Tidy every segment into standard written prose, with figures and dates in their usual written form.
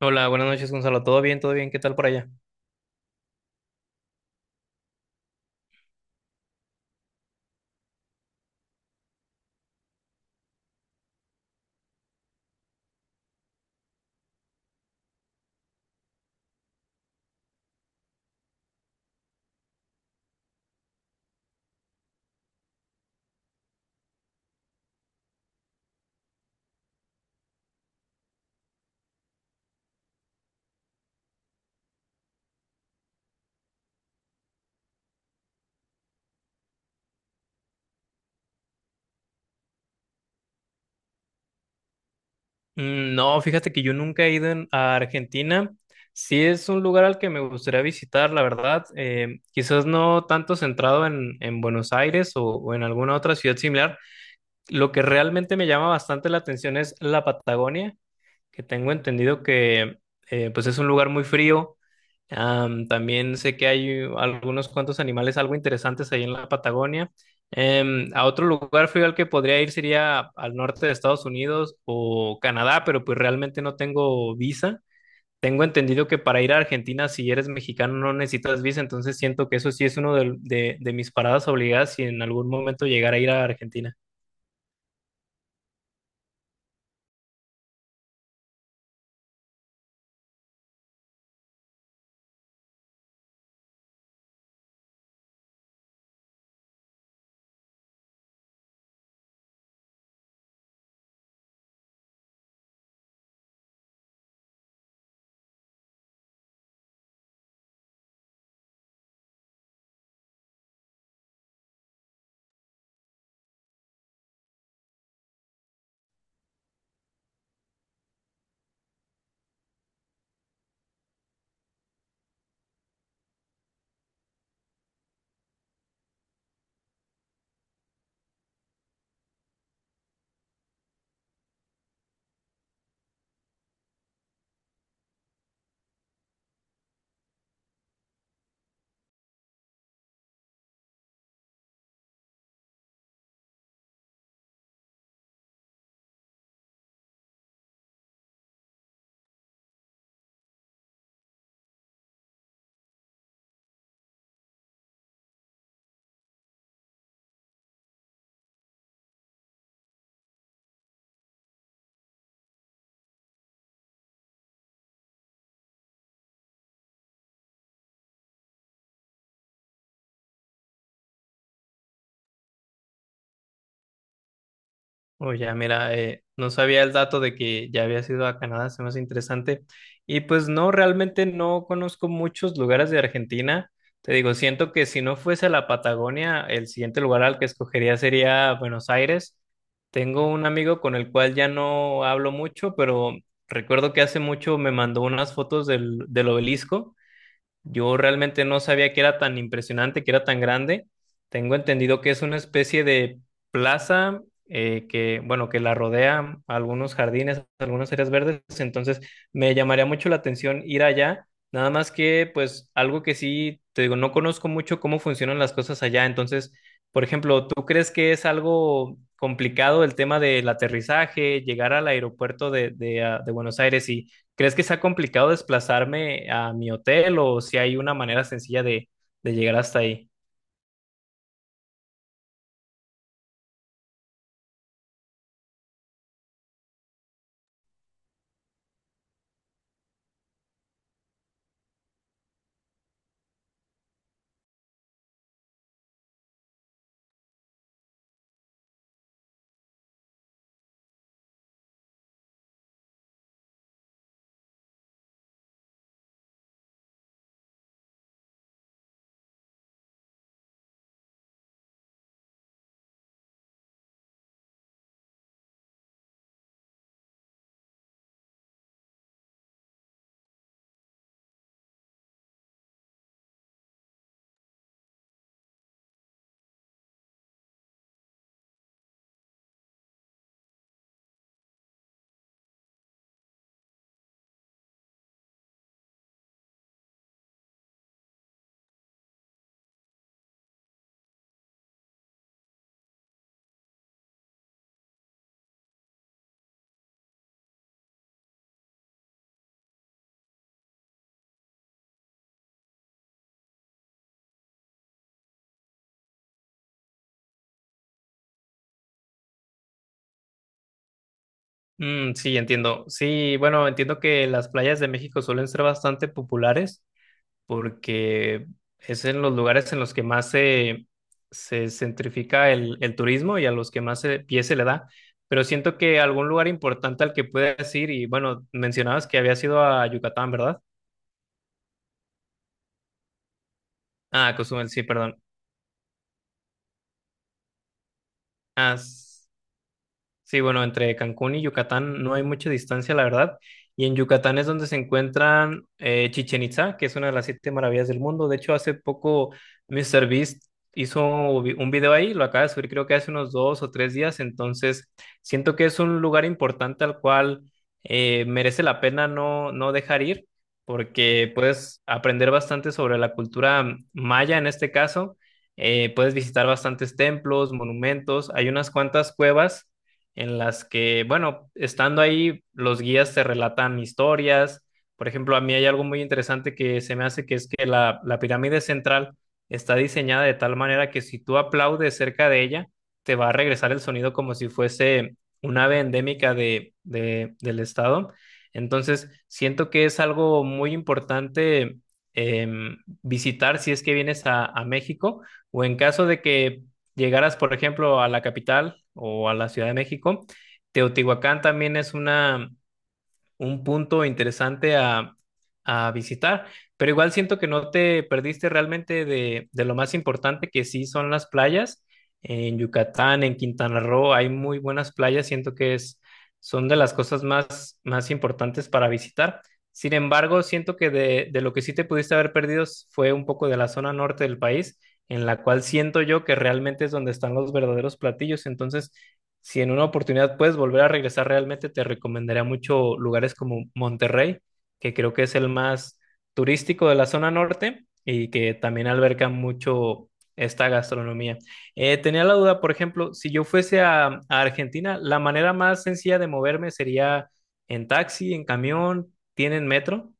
Hola, buenas noches, Gonzalo. ¿Todo bien? ¿Todo bien? ¿Qué tal por allá? Mm, no, fíjate que yo nunca he ido a Argentina. Sí es un lugar al que me gustaría visitar, la verdad. Quizás no tanto centrado en Buenos Aires o en alguna otra ciudad similar. Lo que realmente me llama bastante la atención es la Patagonia, que tengo entendido que pues es un lugar muy frío. Am, también sé que hay algunos cuantos animales algo interesantes ahí en la Patagonia. A otro lugar frío al que podría ir sería al norte de Estados Unidos o Canadá, pero pues realmente no tengo visa. Tengo entendido que para ir a Argentina, si eres mexicano, no necesitas visa, entonces siento que eso sí es uno de mis paradas obligadas si en algún momento llegara a ir a Argentina. Oh, ya, mira, no sabía el dato de que ya había ido a Canadá, se me hace interesante. Y pues no, realmente no conozco muchos lugares de Argentina. Te digo, siento que si no fuese la Patagonia, el siguiente lugar al que escogería sería Buenos Aires. Tengo un amigo con el cual ya no hablo mucho, pero recuerdo que hace mucho me mandó unas fotos del obelisco. Yo realmente no sabía que era tan impresionante, que era tan grande. Tengo entendido que es una especie de plaza que, bueno, que la rodea algunos jardines, algunas áreas verdes. Entonces, me llamaría mucho la atención ir allá. Nada más que, pues, algo que sí, te digo, no conozco mucho cómo funcionan las cosas allá. Entonces, por ejemplo, ¿tú crees que es algo complicado el tema del aterrizaje, llegar al aeropuerto de Buenos Aires y ¿crees que sea complicado desplazarme a mi hotel o si hay una manera sencilla de llegar hasta ahí? Mm, sí, entiendo. Sí, bueno, entiendo que las playas de México suelen ser bastante populares porque es en los lugares en los que más se centrifica el turismo y a los que más pie se le da. Pero siento que algún lugar importante al que puedas ir, y bueno, mencionabas que habías ido a Yucatán, ¿verdad? Ah, Cozumel, sí, perdón. Ah, sí, bueno, entre Cancún y Yucatán no hay mucha distancia, la verdad. Y en Yucatán es donde se encuentran Chichén Itzá, que es una de las siete maravillas del mundo. De hecho, hace poco míster Beast un video ahí, lo acaba de subir creo que hace unos 2 o 3 días. Entonces, siento que es un lugar importante al cual merece la pena no, no dejar ir, porque puedes aprender bastante sobre la cultura maya en este caso. Puedes visitar bastantes templos, monumentos, hay unas cuantas cuevas en las que, bueno, estando ahí, los guías te relatan historias. Por ejemplo, a mí hay algo muy interesante que se me hace, que es que la pirámide central está diseñada de tal manera que si tú aplaudes cerca de ella, te va a regresar el sonido como si fuese un ave endémica del estado. Entonces, siento que es algo muy importante visitar si es que vienes a México o en caso de que llegaras, por ejemplo, a la capital o a la Ciudad de México. Teotihuacán también es una, un punto interesante a visitar, pero igual siento que no te perdiste realmente de lo más importante que sí son las playas. En Yucatán, en Quintana Roo, hay muy buenas playas, siento que es, son de las cosas más, más importantes para visitar. Sin embargo, siento que de lo que sí te pudiste haber perdido fue un poco de la zona norte del país, en la cual siento yo que realmente es donde están los verdaderos platillos. Entonces, si en una oportunidad puedes volver a regresar realmente, te recomendaría mucho lugares como Monterrey, que creo que es el más turístico de la zona norte y que también alberga mucho esta gastronomía. Tenía la duda, por ejemplo, si yo fuese a Argentina, la manera más sencilla de moverme sería en taxi, en camión, ¿tienen metro?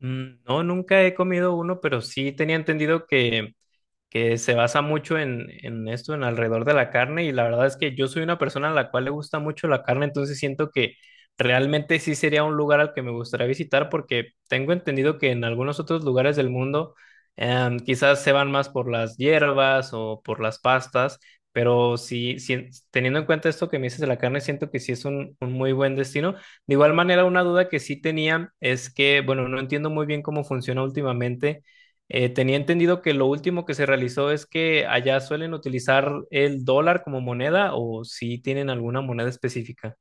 Mm, no, nunca he comido uno, pero sí tenía entendido que se basa mucho en esto, en alrededor de la carne, y la verdad es que yo soy una persona a la cual le gusta mucho la carne, entonces siento que realmente sí sería un lugar al que me gustaría visitar porque tengo entendido que en algunos otros lugares del mundo quizás se van más por las hierbas o por las pastas, pero sí, sí, teniendo en cuenta esto que me dices de la carne, siento que sí es un muy buen destino. De igual manera, una duda que sí tenía es que, bueno, no entiendo muy bien cómo funciona últimamente. Eh, tenía entendido que lo último que se realizó es que allá suelen utilizar el dólar como moneda o si tienen alguna moneda específica.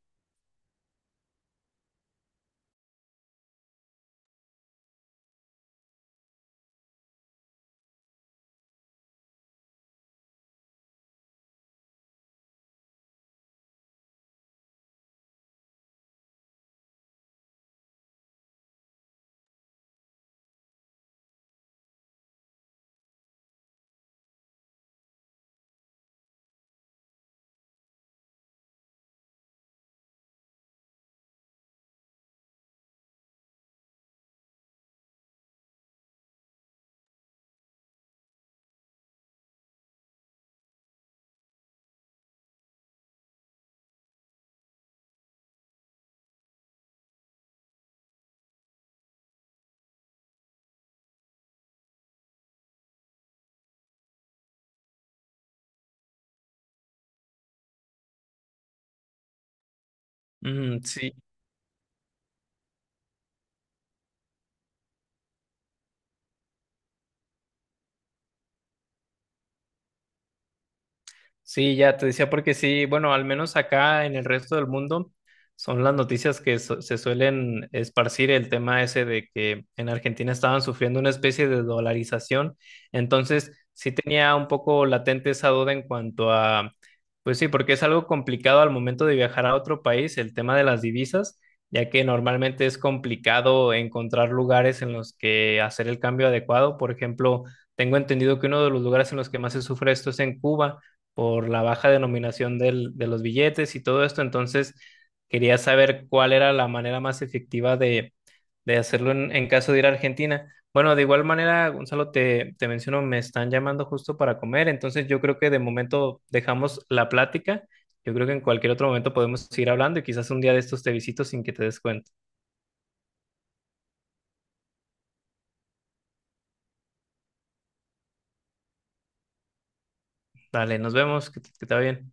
Mm, sí. Sí, ya te decía porque sí, bueno, al menos acá en el resto del mundo son las noticias que se suelen esparcir, el tema ese de que en Argentina estaban sufriendo una especie de dolarización. Entonces, sí tenía un poco latente esa duda en cuanto a, pues sí, porque es algo complicado al momento de viajar a otro país, el tema de las divisas, ya que normalmente es complicado encontrar lugares en los que hacer el cambio adecuado. Por ejemplo, tengo entendido que uno de los lugares en los que más se sufre esto es en Cuba por la baja denominación de los billetes y todo esto. Entonces, quería saber cuál era la manera más efectiva de hacerlo en caso de ir a Argentina. Bueno, de igual manera, Gonzalo, te menciono, me están llamando justo para comer, entonces yo creo que de momento dejamos la plática. Yo creo que en cualquier otro momento podemos seguir hablando y quizás un día de estos te visito sin que te des cuenta. Dale, nos vemos, que, que te va bien.